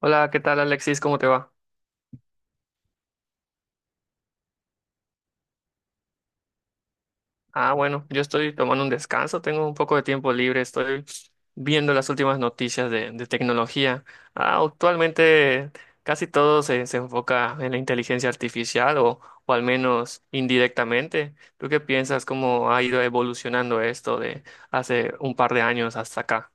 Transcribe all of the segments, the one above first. Hola, ¿qué tal Alexis? ¿Cómo te va? Bueno, yo estoy tomando un descanso, tengo un poco de tiempo libre, estoy viendo las últimas noticias de tecnología. Actualmente casi todo se enfoca en la inteligencia artificial o al menos indirectamente. ¿Tú qué piensas cómo ha ido evolucionando esto de hace un par de años hasta acá?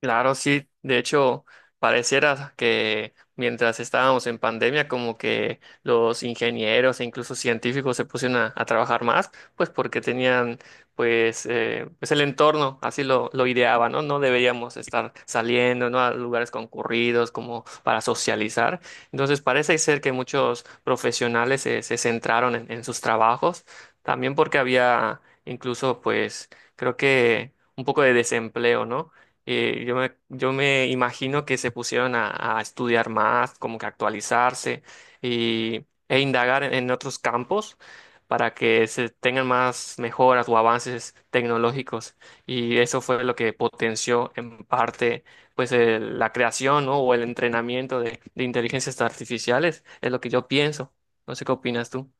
Claro, sí. De hecho, pareciera que mientras estábamos en pandemia, como que los ingenieros e incluso científicos se pusieron a trabajar más, pues porque tenían, pues, pues el entorno, así lo ideaba, ¿no? No deberíamos estar saliendo, ¿no? A lugares concurridos como para socializar. Entonces, parece ser que muchos profesionales se centraron en sus trabajos, también porque había incluso, pues, creo que un poco de desempleo, ¿no? Yo me imagino que se pusieron a estudiar más, como que actualizarse y, e indagar en otros campos para que se tengan más mejoras o avances tecnológicos. Y eso fue lo que potenció en parte pues la creación, ¿no? O el entrenamiento de inteligencias artificiales, es lo que yo pienso. No sé qué opinas tú.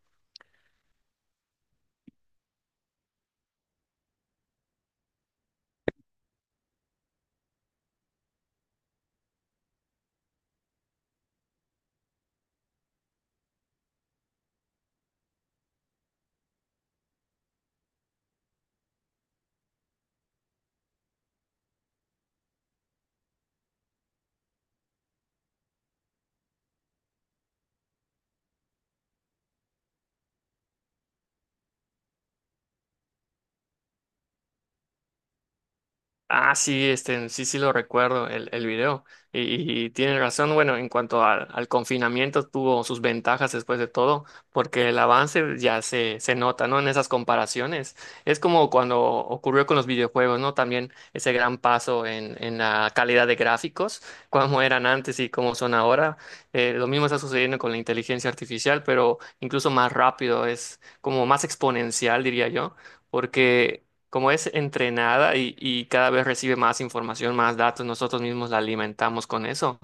Sí, este, sí, sí lo recuerdo, el video. Y tiene razón, bueno, en cuanto al confinamiento, tuvo sus ventajas después de todo, porque el avance ya se nota, ¿no? En esas comparaciones. Es como cuando ocurrió con los videojuegos, ¿no? También ese gran paso en la calidad de gráficos, cómo eran antes y cómo son ahora. Lo mismo está sucediendo con la inteligencia artificial, pero incluso más rápido, es como más exponencial, diría yo. Porque como es entrenada y cada vez recibe más información, más datos, nosotros mismos la alimentamos con eso.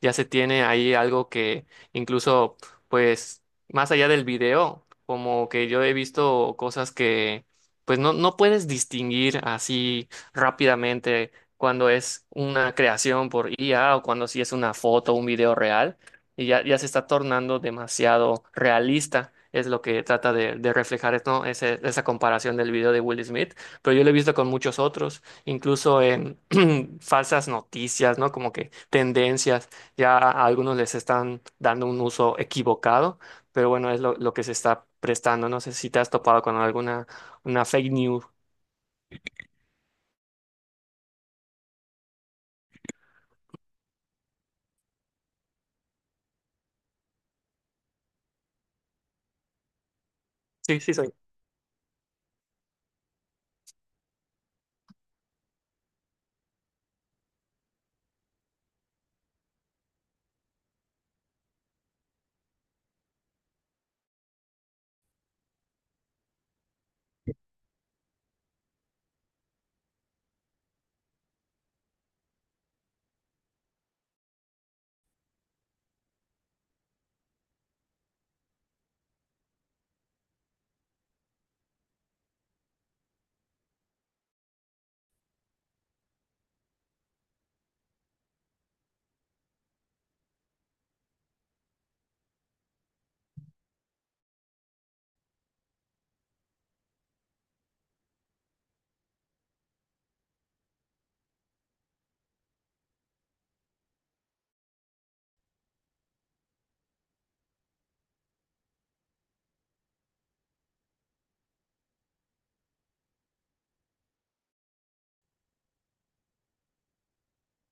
Ya se tiene ahí algo que incluso, pues, más allá del video, como que yo he visto cosas que, pues, no, no puedes distinguir así rápidamente cuando es una creación por IA o cuando sí es una foto, un video real, y ya, ya se está tornando demasiado realista. Es lo que trata de reflejar, ¿no? Esa comparación del video de Will Smith, pero yo lo he visto con muchos otros, incluso en falsas noticias, ¿no? Como que tendencias, ya a algunos les están dando un uso equivocado, pero bueno, es lo que se está prestando. No sé si te has topado con alguna una fake news. Sí, sí, soy.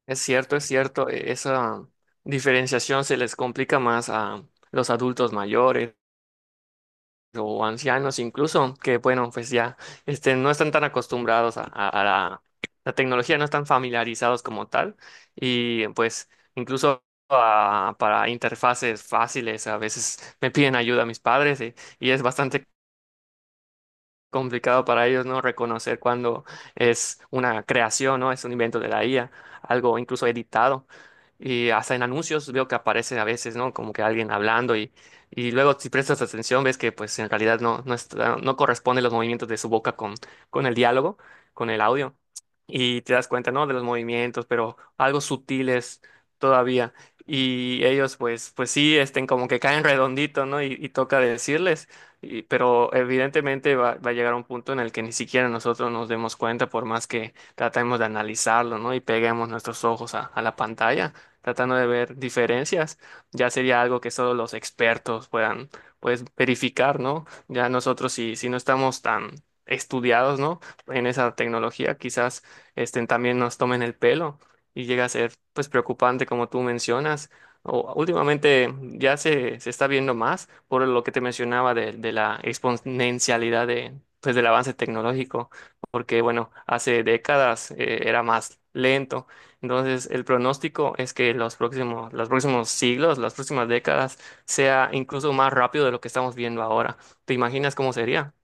Es cierto, esa diferenciación se les complica más a los adultos mayores o ancianos incluso, que bueno, pues ya este, no están tan acostumbrados a, a la, la tecnología, no están familiarizados como tal, y pues incluso para interfaces fáciles a veces me piden ayuda a mis padres y es bastante complicado para ellos, ¿no? Reconocer cuando es una creación, ¿no? Es un invento de la IA, algo incluso editado. Y hasta en anuncios veo que aparece a veces, ¿no? Como que alguien hablando y luego si prestas atención ves que pues en realidad no, no, no corresponden los movimientos de su boca con el diálogo, con el audio. Y te das cuenta, ¿no? De los movimientos, pero algo sutiles todavía. Y ellos pues, pues sí, estén como que caen redondito, ¿no? Y toca decirles. Pero evidentemente va, va a llegar un punto en el que ni siquiera nosotros nos demos cuenta, por más que tratemos de analizarlo, ¿no? Y peguemos nuestros ojos a la pantalla, tratando de ver diferencias, ya sería algo que solo los expertos puedan, pues, verificar, ¿no? Ya nosotros, si, si no estamos tan estudiados, ¿no? En esa tecnología, quizás este, también nos tomen el pelo y llega a ser, pues, preocupante, como tú mencionas. Últimamente ya se está viendo más por lo que te mencionaba de la exponencialidad de, pues, del avance tecnológico, porque bueno, hace décadas era más lento. Entonces, el pronóstico es que los próximos siglos, las próximas décadas, sea incluso más rápido de lo que estamos viendo ahora. ¿Te imaginas cómo sería?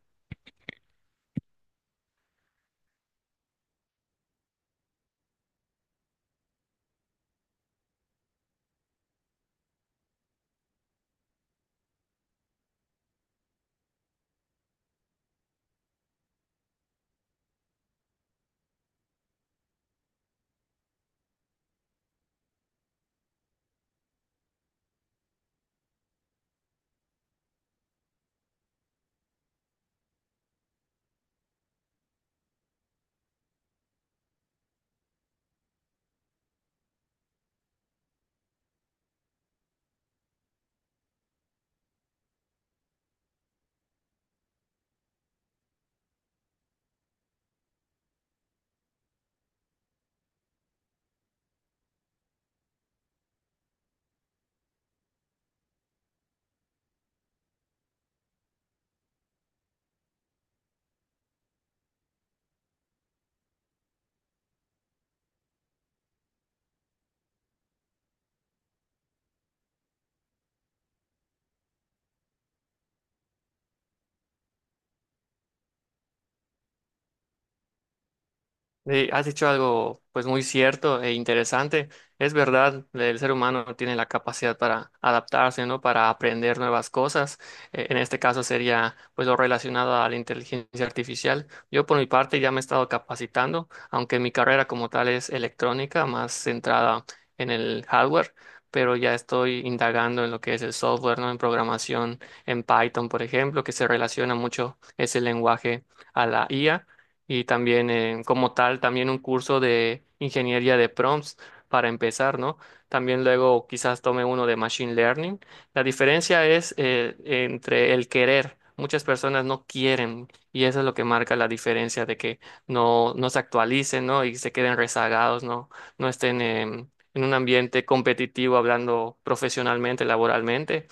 Sí, has dicho algo pues muy cierto e interesante. Es verdad, el ser humano tiene la capacidad para adaptarse, ¿no? Para aprender nuevas cosas. En este caso sería pues lo relacionado a la inteligencia artificial. Yo por mi parte ya me he estado capacitando, aunque mi carrera como tal es electrónica, más centrada en el hardware, pero ya estoy indagando en lo que es el software, ¿no? En programación, en Python, por ejemplo, que se relaciona mucho ese lenguaje a la IA y también como tal, también un curso de ingeniería de prompts para empezar, ¿no? También luego quizás tome uno de machine learning. La diferencia es entre el querer. Muchas personas no quieren y eso es lo que marca la diferencia de que no, no se actualicen, ¿no? Y se queden rezagados, ¿no? No estén en un ambiente competitivo hablando profesionalmente, laboralmente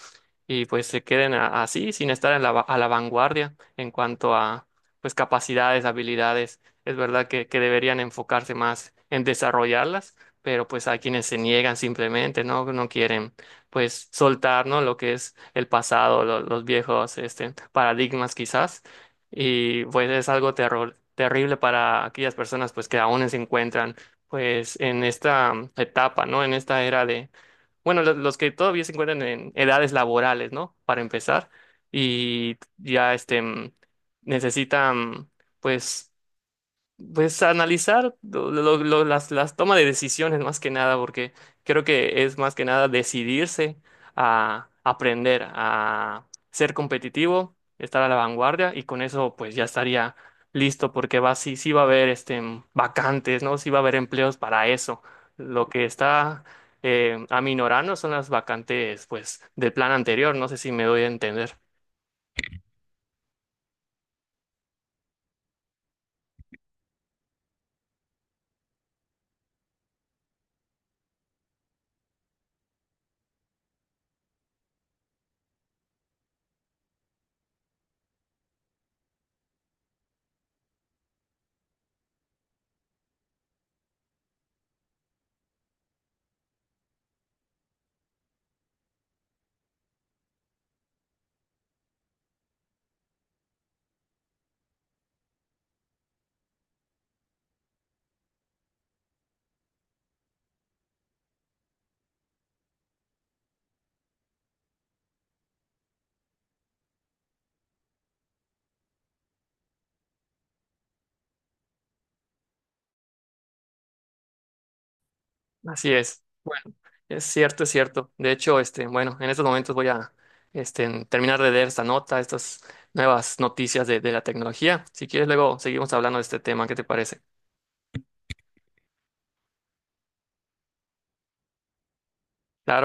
y pues se queden así sin estar en la a la vanguardia en cuanto a pues capacidades, habilidades. Es verdad que deberían enfocarse más en desarrollarlas, pero pues hay quienes se niegan simplemente, ¿no? No quieren pues soltar, ¿no? Lo que es el pasado, los viejos este, paradigmas quizás. Y pues es algo terrible para aquellas personas pues que aún se encuentran pues en esta etapa, ¿no? En esta era de... Bueno, los que todavía se encuentran en edades laborales, ¿no? Para empezar. Y ya este. Necesitan, pues, pues analizar las tomas de decisiones más que nada, porque creo que es más que nada decidirse a aprender, a ser competitivo, estar a la vanguardia y con eso pues ya estaría listo, porque va, sí, sí va a haber este, vacantes, ¿no? Sí va a haber empleos para eso. Lo que está... aminorando son las vacantes pues del plan anterior, no sé si me doy a entender. Así es. Bueno, es cierto, es cierto. De hecho, este, bueno, en estos momentos voy a este, terminar de leer esta nota, estas nuevas noticias de la tecnología. Si quieres, luego seguimos hablando de este tema. ¿Qué te parece? Claro.